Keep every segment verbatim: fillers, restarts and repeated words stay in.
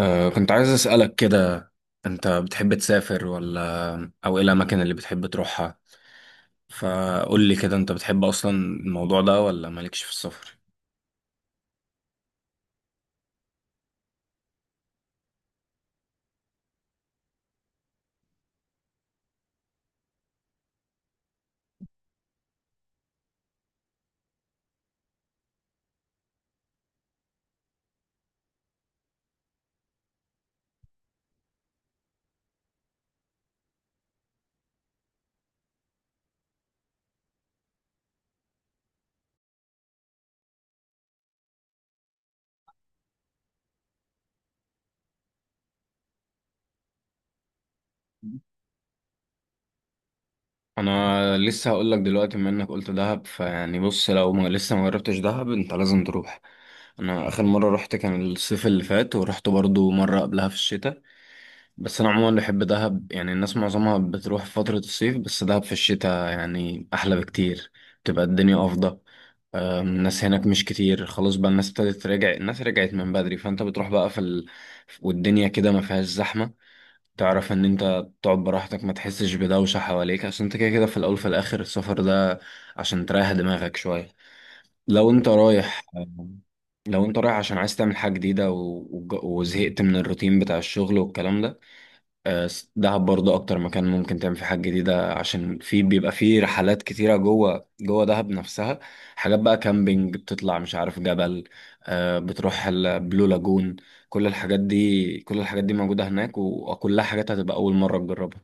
أه كنت عايز أسألك كده، أنت بتحب تسافر ولا أو إيه الأماكن اللي بتحب تروحها؟ فقول لي كده، أنت بتحب أصلا الموضوع ده ولا مالكش في السفر؟ أنا لسه هقولك دلوقتي، بما إنك قلت دهب فيعني بص، لو ما لسه ما جربتش دهب أنت لازم تروح. أنا آخر مرة رحت كان الصيف اللي فات، ورحت برضو مرة قبلها في الشتاء. بس أنا عموما بحب دهب، يعني الناس معظمها بتروح في فترة الصيف، بس دهب في الشتاء يعني أحلى بكتير، بتبقى الدنيا أفضل. أم، الناس هناك مش كتير، خلاص بقى الناس ابتدت تراجع، الناس رجعت من بدري، فانت بتروح بقى في ال... والدنيا كده ما فيهاش زحمة. تعرف ان انت تقعد براحتك، ما تحسش بدوشة حواليك، عشان انت كده كده في الاول في الاخر السفر ده عشان تريح دماغك شوية لو انت رايح. لو انت رايح عشان عايز تعمل حاجة جديدة و... وج- وزهقت من الروتين بتاع الشغل والكلام ده. آه، دهب برضه اكتر مكان ممكن تعمل فيه حاجات جديده، عشان في بيبقى فيه رحلات كتيره جوه جوه دهب نفسها، حاجات بقى كامبينج، بتطلع مش عارف جبل، آه، بتروح البلو لاجون، كل الحاجات دي كل الحاجات دي موجوده هناك و- وكلها حاجات هتبقى اول مره تجربها.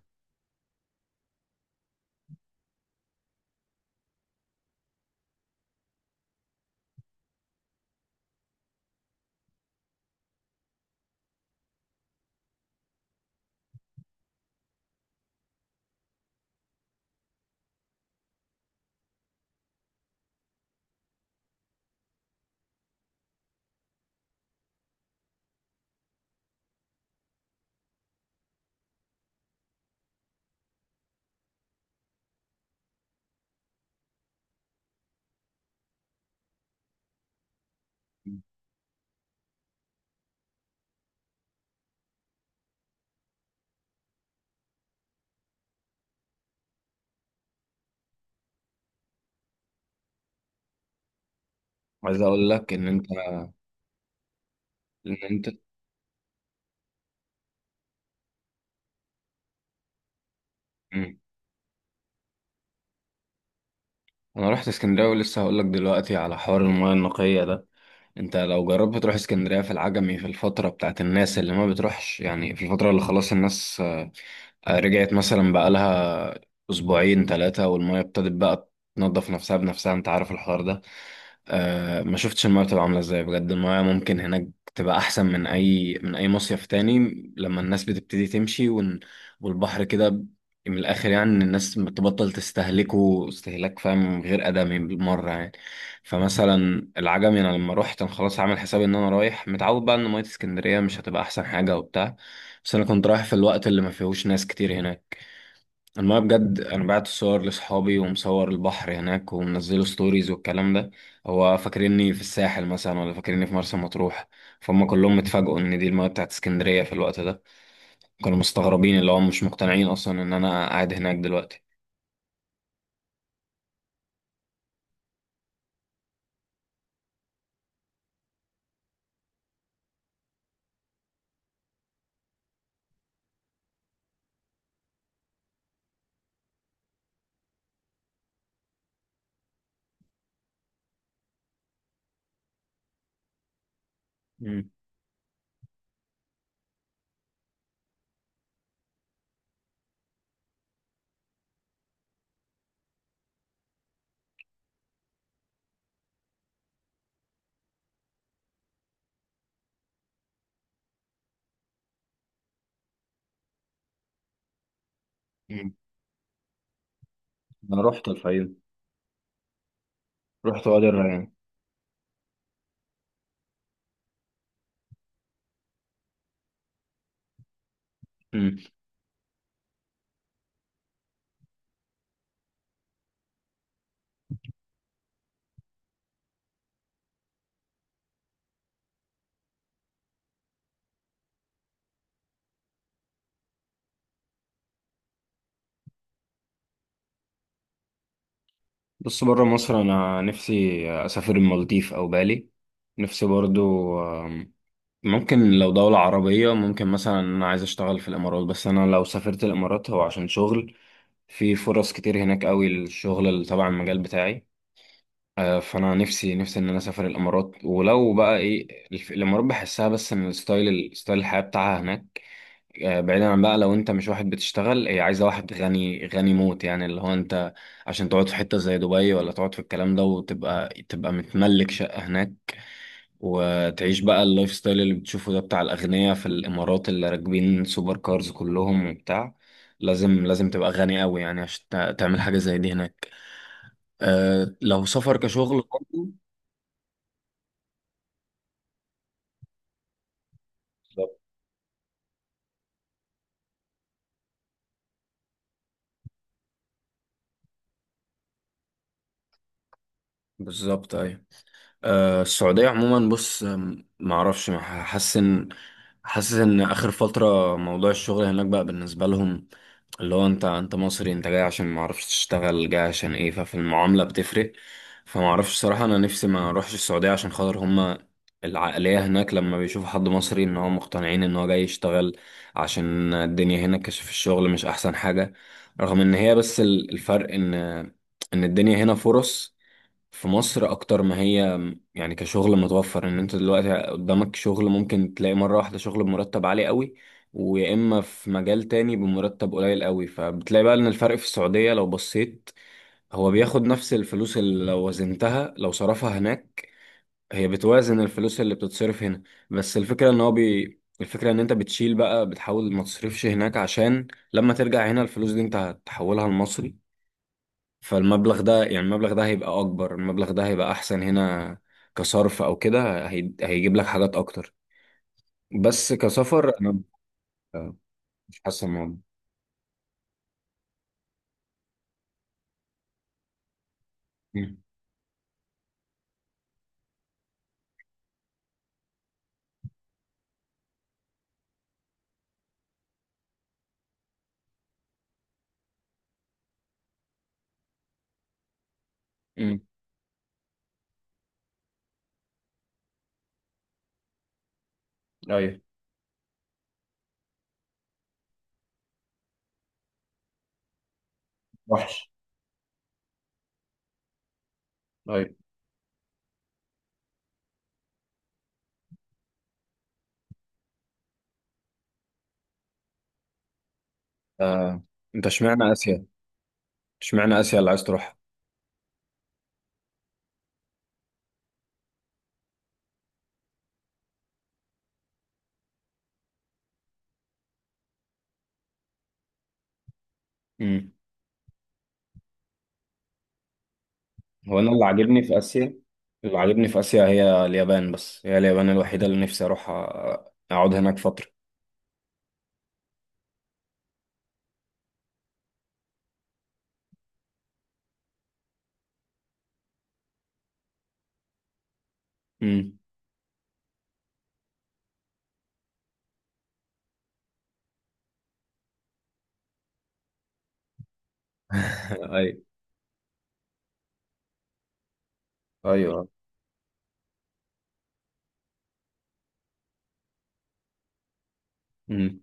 عايز اقول لك ان انت ان انت مم. انا رحت اسكندريه ولسه هقول لك دلوقتي على حوار المياه النقيه ده. انت لو جربت تروح اسكندرية في العجمي في الفترة بتاعت الناس اللي ما بتروحش، يعني في الفترة اللي خلاص الناس آه، آه، رجعت مثلا بقالها اسبوعين ثلاثة والمية ابتدت بقى تنظف نفسها بنفسها، انت عارف الحوار ده. آه ما شفتش المايه بتبقى عامله ازاي، بجد المايه ممكن هناك تبقى احسن من اي من اي مصيف تاني لما الناس بتبتدي تمشي ون... والبحر كده ب- من الاخر، يعني إن الناس بتبطل تستهلكه استهلاك، فاهم، غير ادمي بالمره يعني. فمثلا العجمي انا لما روحت انا خلاص عامل حسابي ان انا رايح متعود بقى ان ميه اسكندريه مش هتبقى احسن حاجه وبتاع، بس انا كنت رايح في الوقت اللي ما فيهوش ناس كتير هناك. المايه بجد، انا بعت صور لاصحابي ومصور البحر هناك ومنزله ستوريز والكلام ده، هو فاكريني في الساحل مثلا ولا فاكريني في مرسى مطروح، فهم كلهم اتفاجئوا ان دي المايه بتاعت اسكندريه في الوقت ده، كانوا مستغربين اللي هم مش مقتنعين اصلا ان انا قاعد هناك دلوقتي. مم. مم. انا رحت الفيوم، رحت وادي الريان. مم. بص، بره مصر انا نفسي اسافر المالديف او بالي، نفسي برضو ممكن لو دولة عربية، ممكن مثلا أنا عايز أشتغل في الإمارات، بس أنا لو سافرت الإمارات هو عشان شغل، في فرص كتير هناك قوي للشغل اللي تبع المجال بتاعي. آه، فأنا نفسي نفسي إن أنا أسافر الإمارات، ولو بقى إيه الف- الإمارات بحسها بس إن الستايل، ستايل الحياة بتاعها هناك، آه، بعيدا عن بقى لو أنت مش واحد بتشتغل، هي عايزة واحد غني غني موت، يعني اللي هو أنت عشان تقعد في حتة زي دبي ولا تقعد في الكلام ده وتبقى تبقى متملك شقة هناك وتعيش بقى اللايف ستايل اللي بتشوفه ده بتاع الأغنياء في الإمارات اللي راكبين سوبر كارز كلهم وبتاع، لازم لازم تبقى غني قوي يعني عشان تع- تعمل حاجة زي دي هناك. أه لو سفر كشغل برضه. بالظبط. بالظبط، أيوة. آه، السعودية عموما بص، آم، معرفش، ما حاسس ان، حاسس ان اخر فترة موضوع الشغل هناك بقى بالنسبة لهم اللي هو انت، انت مصري انت جاي عشان معرفش تشتغل، جاي عشان ايه، ففي المعاملة بتفرق. فمعرفش صراحة، انا نفسي ما اروحش السعودية عشان خاطر هما العقلية هناك لما بيشوفوا حد مصري ان هو مقتنعين ان هو جاي يشتغل عشان الدنيا هنا كشف الشغل مش احسن حاجة. رغم ان هي بس ال- الفرق ان ان الدنيا هنا فرص في مصر اكتر ما هي، يعني كشغل متوفر ان انت دلوقتي قدامك شغل، ممكن تلاقي مرة واحدة شغل بمرتب عالي قوي ويا اما في مجال تاني بمرتب قليل قوي. فبتلاقي بقى ان الفرق في السعودية لو بصيت، هو بياخد نفس الفلوس اللي لو وزنتها لو صرفها هناك، هي بتوازن الفلوس اللي بتتصرف هنا. بس الفكرة ان هو بي الفكرة ان انت بتشيل بقى، بتحاول ما تصرفش هناك عشان لما ترجع هنا الفلوس دي انت هتحولها لمصري، فالمبلغ ده يعني المبلغ ده هيبقى اكبر، المبلغ ده هيبقى احسن هنا كصرف او كده، هي... هيجيب لك حاجات اكتر. بس كسفر انا مش حاسس الموضوع. مم. مم. ايوه. وحش. ايوه. آه. انت اشمعنى اسيا، اشمعنى اسيا اللي عايز تروحها؟ مم. هو انا اللي عاجبني في اسيا، اللي عاجبني في اسيا هي اليابان، بس هي اليابان الوحيده اللي نفسي اروح أ- اقعد هناك فتره. مم. ايوه. ايوه. مم.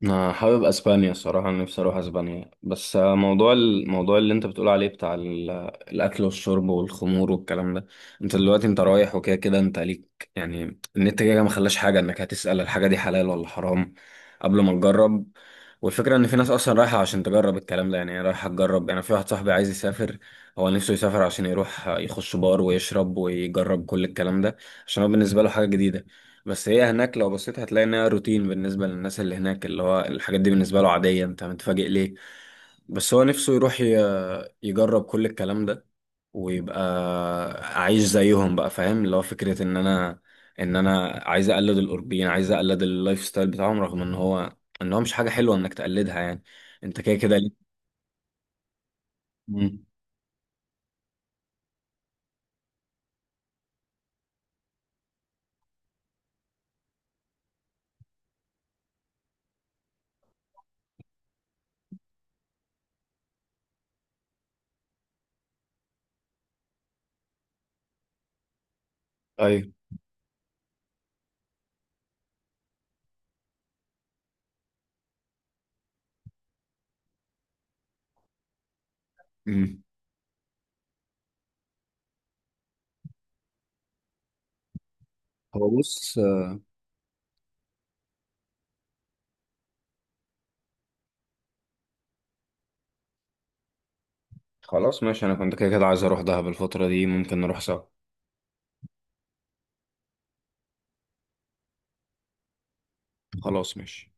انا حابب اسبانيا الصراحه، أنا نفسي اروح اسبانيا بس آه، موضوع الموضوع اللي انت بتقول عليه بتاع ال- الاكل والشرب والخمور والكلام ده، انت دلوقتي انت رايح وكده كده انت ليك يعني النت كده كده ما خلاش حاجه انك هتسال الحاجه دي حلال ولا حرام قبل ما تجرب. والفكره ان في ناس اصلا رايحه عشان تجرب الكلام ده، يعني هي رايحه تجرب، يعني في واحد صاحبي عايز يسافر، هو نفسه يسافر عشان يروح آه، يخش بار ويشرب ويجرب كل الكلام ده عشان هو بالنسبه له حاجه جديده. بس هي هناك لو بصيت هتلاقي انها روتين بالنسبة للناس اللي هناك، اللي هو الحاجات دي بالنسبة له عادية، انت متفاجئ ليه؟ بس هو نفسه يروح ي- يجرب كل الكلام ده ويبقى عايش زيهم بقى، فاهم، اللي هو فكرة ان انا ان انا عايز اقلد الاوروبيين، عايز اقلد اللايف ستايل بتاعهم، رغم ان هو ان هو مش حاجة حلوة انك تقلدها يعني، انت كده كده ليه. مم. ايوه. مم. هو بص، خلاص ماشي، انا كنت كده كده عايز اروح دهب الفترة دي ممكن نروح سوا. خلاص ماشي.